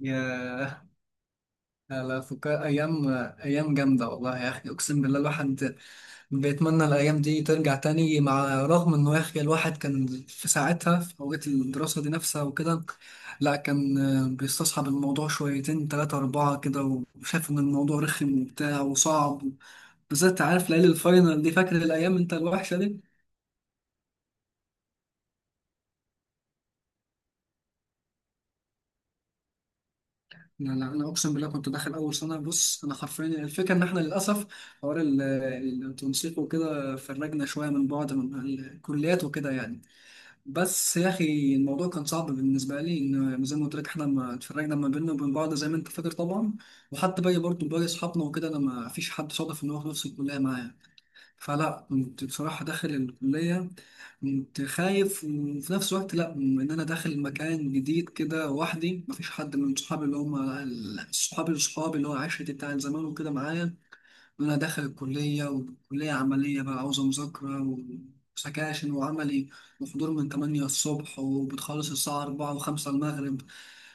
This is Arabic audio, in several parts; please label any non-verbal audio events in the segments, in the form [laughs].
ياه، على فكرة أيام جامدة والله يا أخي أقسم بالله الواحد بيتمنى الأيام دي ترجع تاني مع رغم إنه يا أخي الواحد كان في ساعتها في أوقات الدراسة دي نفسها وكده. لا كان بيستصعب الموضوع شويتين تلاتة أربعة كده وشايف إن الموضوع رخم وبتاع وصعب، بالذات عارف ليالي الفاينل دي، فاكر الأيام أنت الوحشة دي؟ لا لا، انا اقسم بالله كنت داخل اول سنه، بص انا حرفيا الفكره ان احنا للاسف حوار التنسيق وكده فرجنا شويه من بعض من الكليات وكده يعني. بس يا اخي الموضوع كان صعب بالنسبه لي، ان زي ما قلت لك احنا ما اتفرجنا ما بيننا وبين بعض زي ما انت فاكر طبعا. وحتى باقي اصحابنا وكده انا ما فيش حد صادف ان هو في نفس الكليه معايا. فلا كنت بصراحة داخل الكلية كنت خايف وفي نفس الوقت لا، إن أنا داخل مكان جديد كده لوحدي، مفيش حد من صحابي اللي هم صحابي اللي هو عشرتي بتاع زمان وكده معايا. إن أنا داخل الكلية وكلية عملية بقى عاوزة مذاكرة وسكاشن وعملي وحضور من 8 الصبح وبتخلص الساعة 4 و5 المغرب.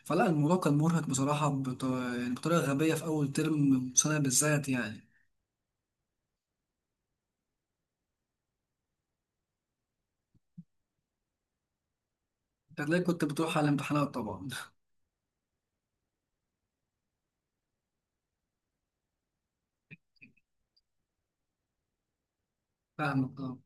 فلا الموضوع كان مرهق بصراحة يعني بطريقة غبية في أول ترم سنة بالذات يعني. هتلاقي كنت بتروح على الامتحانات طبعا. فاهمك اه.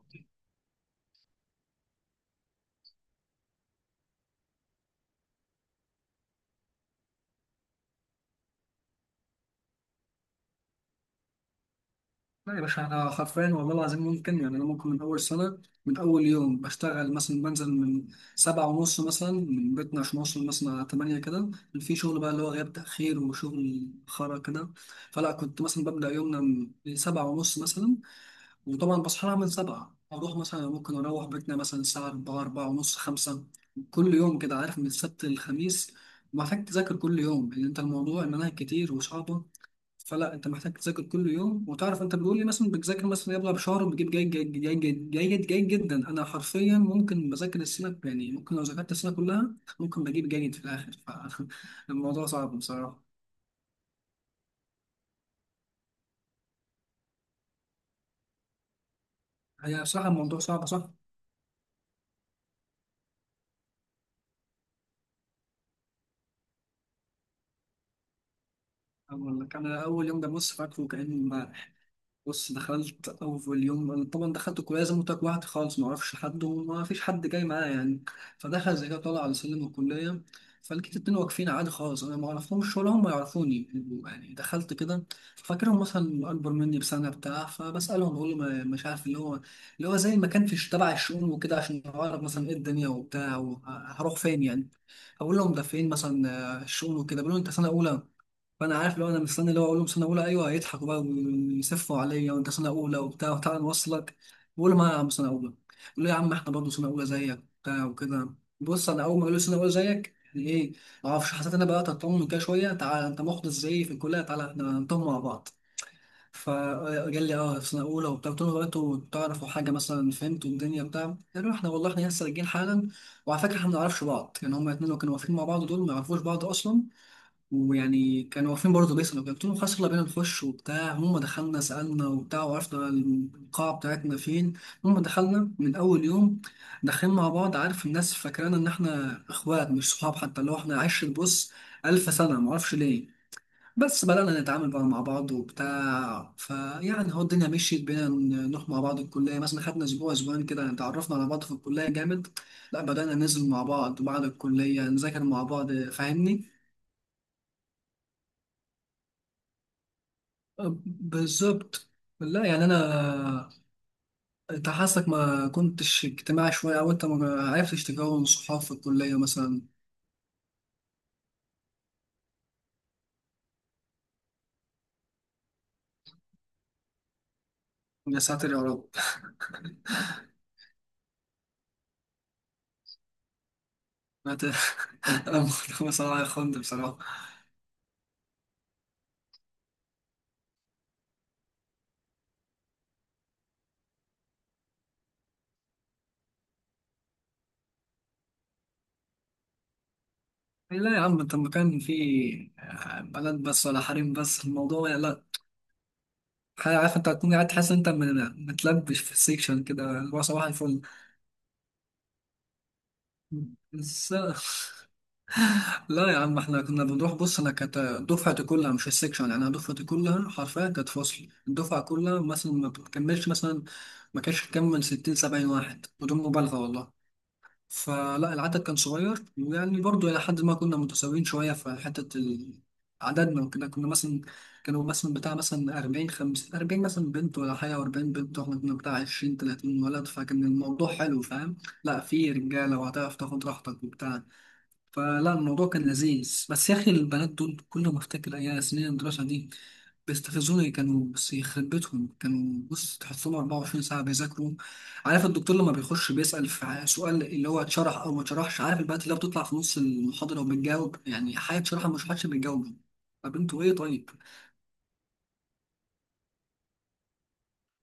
لا يا باشا انا حرفيا والله العظيم ممكن يعني انا ممكن من اول سنه، من اول يوم بشتغل مثلا بنزل من سبعة ونص مثلا من بيتنا عشان اوصل مثلا على تمانية كده. في شغل بقى اللي هو غياب تاخير وشغل خرا كده. فلا كنت مثلا ببدا يومنا من سبعة ونص مثلا. وطبعا بصحى لها من سبعة اروح مثلا، ممكن اروح بيتنا مثلا الساعه 4 4 ونص 5. كل يوم كده، عارف، من السبت للخميس محتاج تذاكر كل يوم لان انت الموضوع المناهج كتير وصعبه. فلا انت محتاج تذاكر كل يوم، وتعرف انت بيقول لي مثلا بتذاكر مثلا يلا بشهر وبتجيب جيد جيد جيد جيد جيد, جيد جدا. انا حرفيا ممكن بذاكر السنه يعني، ممكن لو ذاكرت السنه كلها ممكن بجيب جيد في الاخر. فالموضوع [laughs] صعب بصراحه. هي بصراحه الموضوع صعب صح. أقول لك انا اول يوم ده، بص فاكره كانه، بص دخلت أول يوم، أنا طبعا دخلت كلية زي ما قلت لك لوحدي خالص، معرفش حد وما فيش حد جاي معايا يعني. فدخل زي كده طالع على سلم الكلية، فلقيت اتنين واقفين عادي خالص، أنا ما أعرفهمش ولا هم يعرفوني. يعني دخلت كده فاكرهم مثلا أكبر مني بسنة بتاع، فبسألهم بقول له مش عارف اللي هو، زي ما كان في تبع الشؤون وكده عشان أعرف مثلا إيه الدنيا وبتاع وهروح فين يعني. أقول لهم ده فين مثلا، آه، الشؤون وكده، بيقولوا أنت سنة أولى؟ فانا عارف لو انا مستني اللي هو اقول لهم سنه اولى ايوه هيضحكوا بقى ويسفوا عليا، وانت سنه اولى وبتاع وتعالى نوصلك. بقول لهم انا يا عم سنه اولى، يقول لي يا عم احنا برضه سنه اولى زيك وبتاع وكده. بص انا اول ما قالوا لي سنه اولى زيك، يعني ايه، ما اعرفش، حسيت انا بقى تطمن كده شويه، تعالى انت محدث زيي في الكليه، تعالى احنا نطمن مع بعض. فقال لي اه في سنه اولى وبتاع، قلت له هو انتوا تعرفوا حاجه مثلا فهمتوا الدنيا بتاع، قالوا احنا والله احنا لسه راجعين حالا، وعلى فكره احنا ما نعرفش بعض. يعني هما الاثنين اللي كانوا واقفين مع بعض دول ما يعرفوش بعض اصلا، ويعني كانوا واقفين برضه بيسألوا. قلت لهم خلاص يلا بينا نخش وبتاع، هم دخلنا سألنا وبتاع وعرفنا القاعة بتاعتنا فين. هم دخلنا من أول يوم داخلين مع بعض، عارف الناس فاكرانا إن إحنا إخوات مش صحاب، حتى اللي هو إحنا عشرة بص ألف سنة، معرفش ليه. بس بدأنا نتعامل بقى مع بعض وبتاع، فيعني هو الدنيا مشيت بينا نروح مع بعض الكلية، مثلا خدنا أسبوع أسبوعين كده اتعرفنا على بعض في الكلية جامد. لا بدأنا ننزل مع بعض بعد الكلية نذاكر مع بعض، فاهمني. بالظبط. لا يعني انا، انت حاسك ما كنتش اجتماعي شويه، او انت ما عرفتش تكون صحاب في الكليه مثلا؟ يا ساتر يا رب. [laughs] انا ت- أنا [laughs] بصراحه يا خند بصراحه. لا يا عم انت المكان فيه بلد بس ولا حريم بس الموضوع يعني، لا. عارف انت هتكون قاعد تحس انت متلبش في السيكشن كده اللي هو صباح الفل. بس لا يا عم احنا كنا بنروح، بص انا كانت دفعتي كلها مش السكشن، يعني انا دفعتي كلها حرفيا كانت فصل، الدفعه كلها مثلا ما بتكملش مثلا، ما كانش تكمل 60 70 واحد بدون مبالغه والله. فلا العدد كان صغير، ويعني برضه الى حد ما كنا متساويين شويه في حته عددنا وكده، كنا مثلا، كانوا مثلا بتاع مثلا 40 50 40 مثلا بنت ولا حاجه، و40 بنت واحنا كنا بتاع 20 30 ولد، فكان الموضوع حلو فاهم. لا في رجاله وهتعرف تاخد راحتك وبتاع، فلا الموضوع كان لذيذ. بس يا اخي البنات دول كل ما افتكر ايام سنين الدراسه دي بيستفزوني، كانوا بس يخرب بيتهم كانوا بص تحصلهم 24 ساعه بيذاكروا. عارف الدكتور لما بيخش بيسال في سؤال اللي هو اتشرح او ما اتشرحش، عارف البنات اللي هي بتطلع في نص المحاضره وبتجاوب، يعني حياة شرحها مش حدش بيجاوب. طب انتوا ايه طيب؟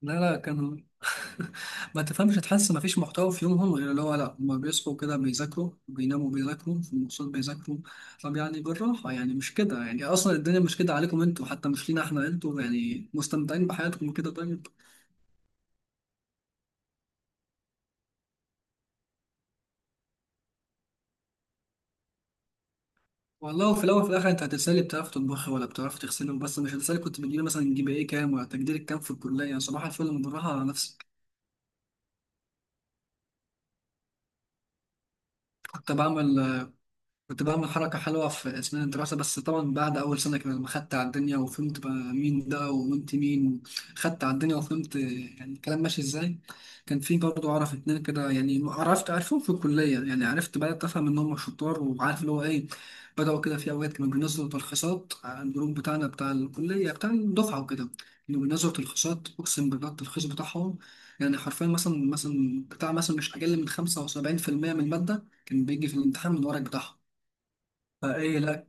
لا كانوا [laughs] ما تفهمش، تحس ما فيش محتوى في يومهم غير اللي هو، لا هما بيصحوا كده بيذاكروا، بيناموا بيذاكروا، في المواصلات بيذاكروا. طب يعني بالراحة يعني، مش كده يعني، أصلا الدنيا مش كده عليكم أنتوا، حتى مش لينا إحنا، أنتوا يعني مستمتعين بحياتكم كده طيب. والله وفي الأول وفي الآخر أنت هتسألي بتعرف تطبخي ولا بتعرف تغسلي، بس مش هتسألي كنت بتجيبي مثلا جي بي إيه كام، ولا تقديرك كام في الكلية يعني، صباح الفل، أنا بالراحة على نفسك. كنت بعمل كنت بعمل حركة حلوة في أثناء الدراسة، بس طبعا بعد أول سنة كده لما خدت على الدنيا وفهمت بقى مين ده وأنت مين، خدت على الدنيا وفهمت يعني الكلام ماشي إزاي. كان في برضه أعرف اتنين كده يعني، عرفت عرفهم في الكلية يعني عرفت بدأت أفهم إن هم شطار وعارف اللي هو إيه. بدأوا كده في أوقات كانوا بينزلوا تلخيصات على الجروب بتاعنا بتاع الكلية بتاع الدفعة وكده. كانوا بينزلوا تلخيصات، أقسم بالله التلخيص بتاعهم يعني حرفيا مثلا بتاع مثلا مش أقل من 75% من المادة كان بيجي في الامتحان من الورق بتاعهم. فايه لا.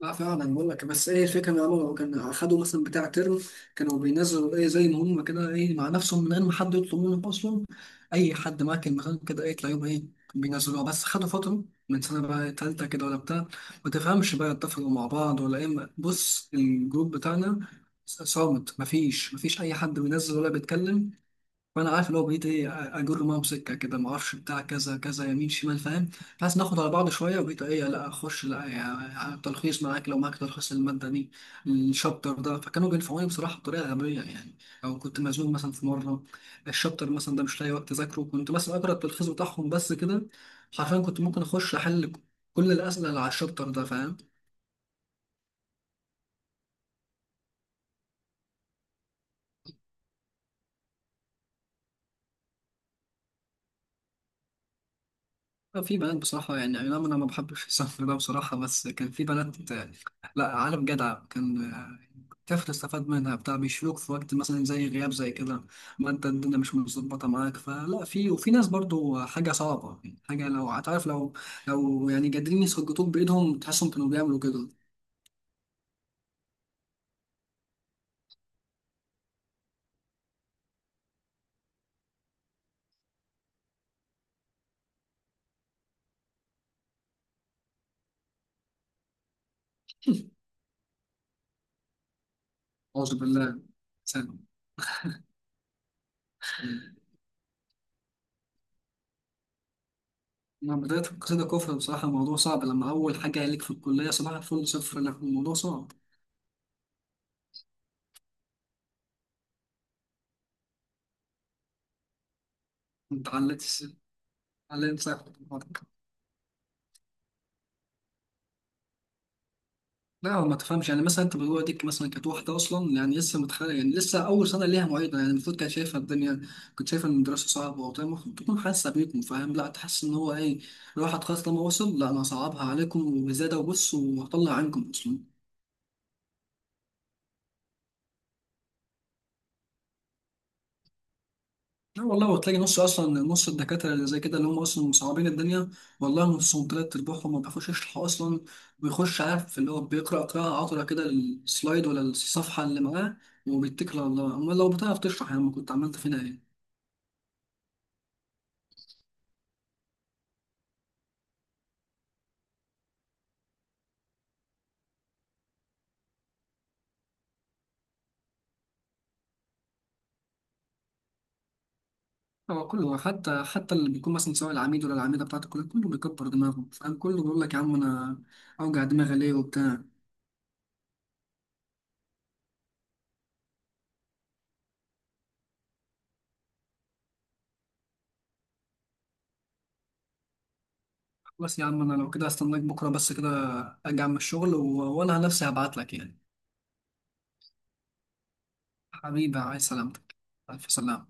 لا فعلا بقول لك، بس ايه الفكره ان هم كانوا خدوا مثلا بتاع ترم كانوا بينزلوا ايه زي ما هم كده ايه مع نفسهم من غير ما حد يطلب منهم اصلا، اي حد ماكل مكان كده ايه تلاقيهم ايه بينزلوها. بس خدوا فتره من سنه بقى تالته كده ولا بتاع، ما تفهمش بقى اتفقوا مع بعض ولا ايه، بص الجروب بتاعنا صامت، مفيش اي حد بينزل ولا بيتكلم. فانا عارف اللي هو بقيت ايه اجر معاهم سكه كده، ما اعرفش بتاع كذا كذا يمين شمال فاهم، بحيث ناخد على بعض شويه. وبقيت ايه لا اخش لا يعني تلخيص معاك؟ لو معاك تلخيص الماده دي الشابتر ده، فكانوا بينفعوني بصراحه بطريقه غبيه يعني. او كنت مزنوق مثلا في مره الشابتر مثلا ده مش لاقي وقت اذاكره، كنت مثلا اقرا التلخيص بتاعهم بس كده. حرفيا كنت ممكن اخش احل كل الاسئله اللي على الشابتر ده فاهم. آه، في بنات بصراحة يعني، أي نعم أنا ما بحبش السفر ده بصراحة، بس كان في بنات آه، لا عالم جدع، كان آه، تعرف تستفاد منها بتاع، بيشيلوك في وقت مثلا زي غياب زي كده، ما أنت الدنيا مش متظبطة معاك. فلا في وفي ناس برضو حاجة صعبة يعني، حاجة لو هتعرف لو يعني قادرين يسجطوك بإيدهم تحسهم كانوا بيعملوا كده. أعوذ بالله. سلام. مع بداية القصيدة كفر، بصراحة الموضوع صعب لما أول حاجة ليك في الكلية صباح الفل صفر، لا الموضوع صعب. أنت علقت علقت صفر؟ لا هو ما تفهمش، يعني مثلا انت بتقول ديك مثلا كانت واحده اصلا يعني لسه متخرجه، يعني لسه اول سنه ليها معيده يعني، المفروض كانت شايفه الدنيا، كنت شايفه ان الدراسه صعبه وبتاع، المفروض تكون حاسه بيكم فاهم، لا تحس ان هو ايه، الواحد خلاص لما وصل لا انا هصعبها عليكم وزياده، وبص وهطلع عنكم اصلا. لا والله، وتلاقي نص اصلا نص الدكاتره اللي زي كده اللي هم اصلا مصعبين الدنيا، والله نصهم تلات ارباعهم ما بيعرفوش يشرحوا اصلا، بيخش عارف اللي هو بيقرا قراءه عطره كده السلايد ولا الصفحه اللي معاه وبيتكل على الله، امال لو بتعرف تشرح يا عم كنت عملت فينا ايه. هو كله حتى اللي بيكون مثلا سواء العميد ولا العميدة بتاعت الكلية كله بيكبر دماغه فاهم، كله بيقول لك يا عم أنا أوجع دماغي ليه وبتاع. خلاص يا عم، أنا لو كده هستناك بكرة بس كده، أرجع من الشغل و... وأنا نفسي هبعت لك يعني. حبيبي عايز سلامتك. ألف سلامة.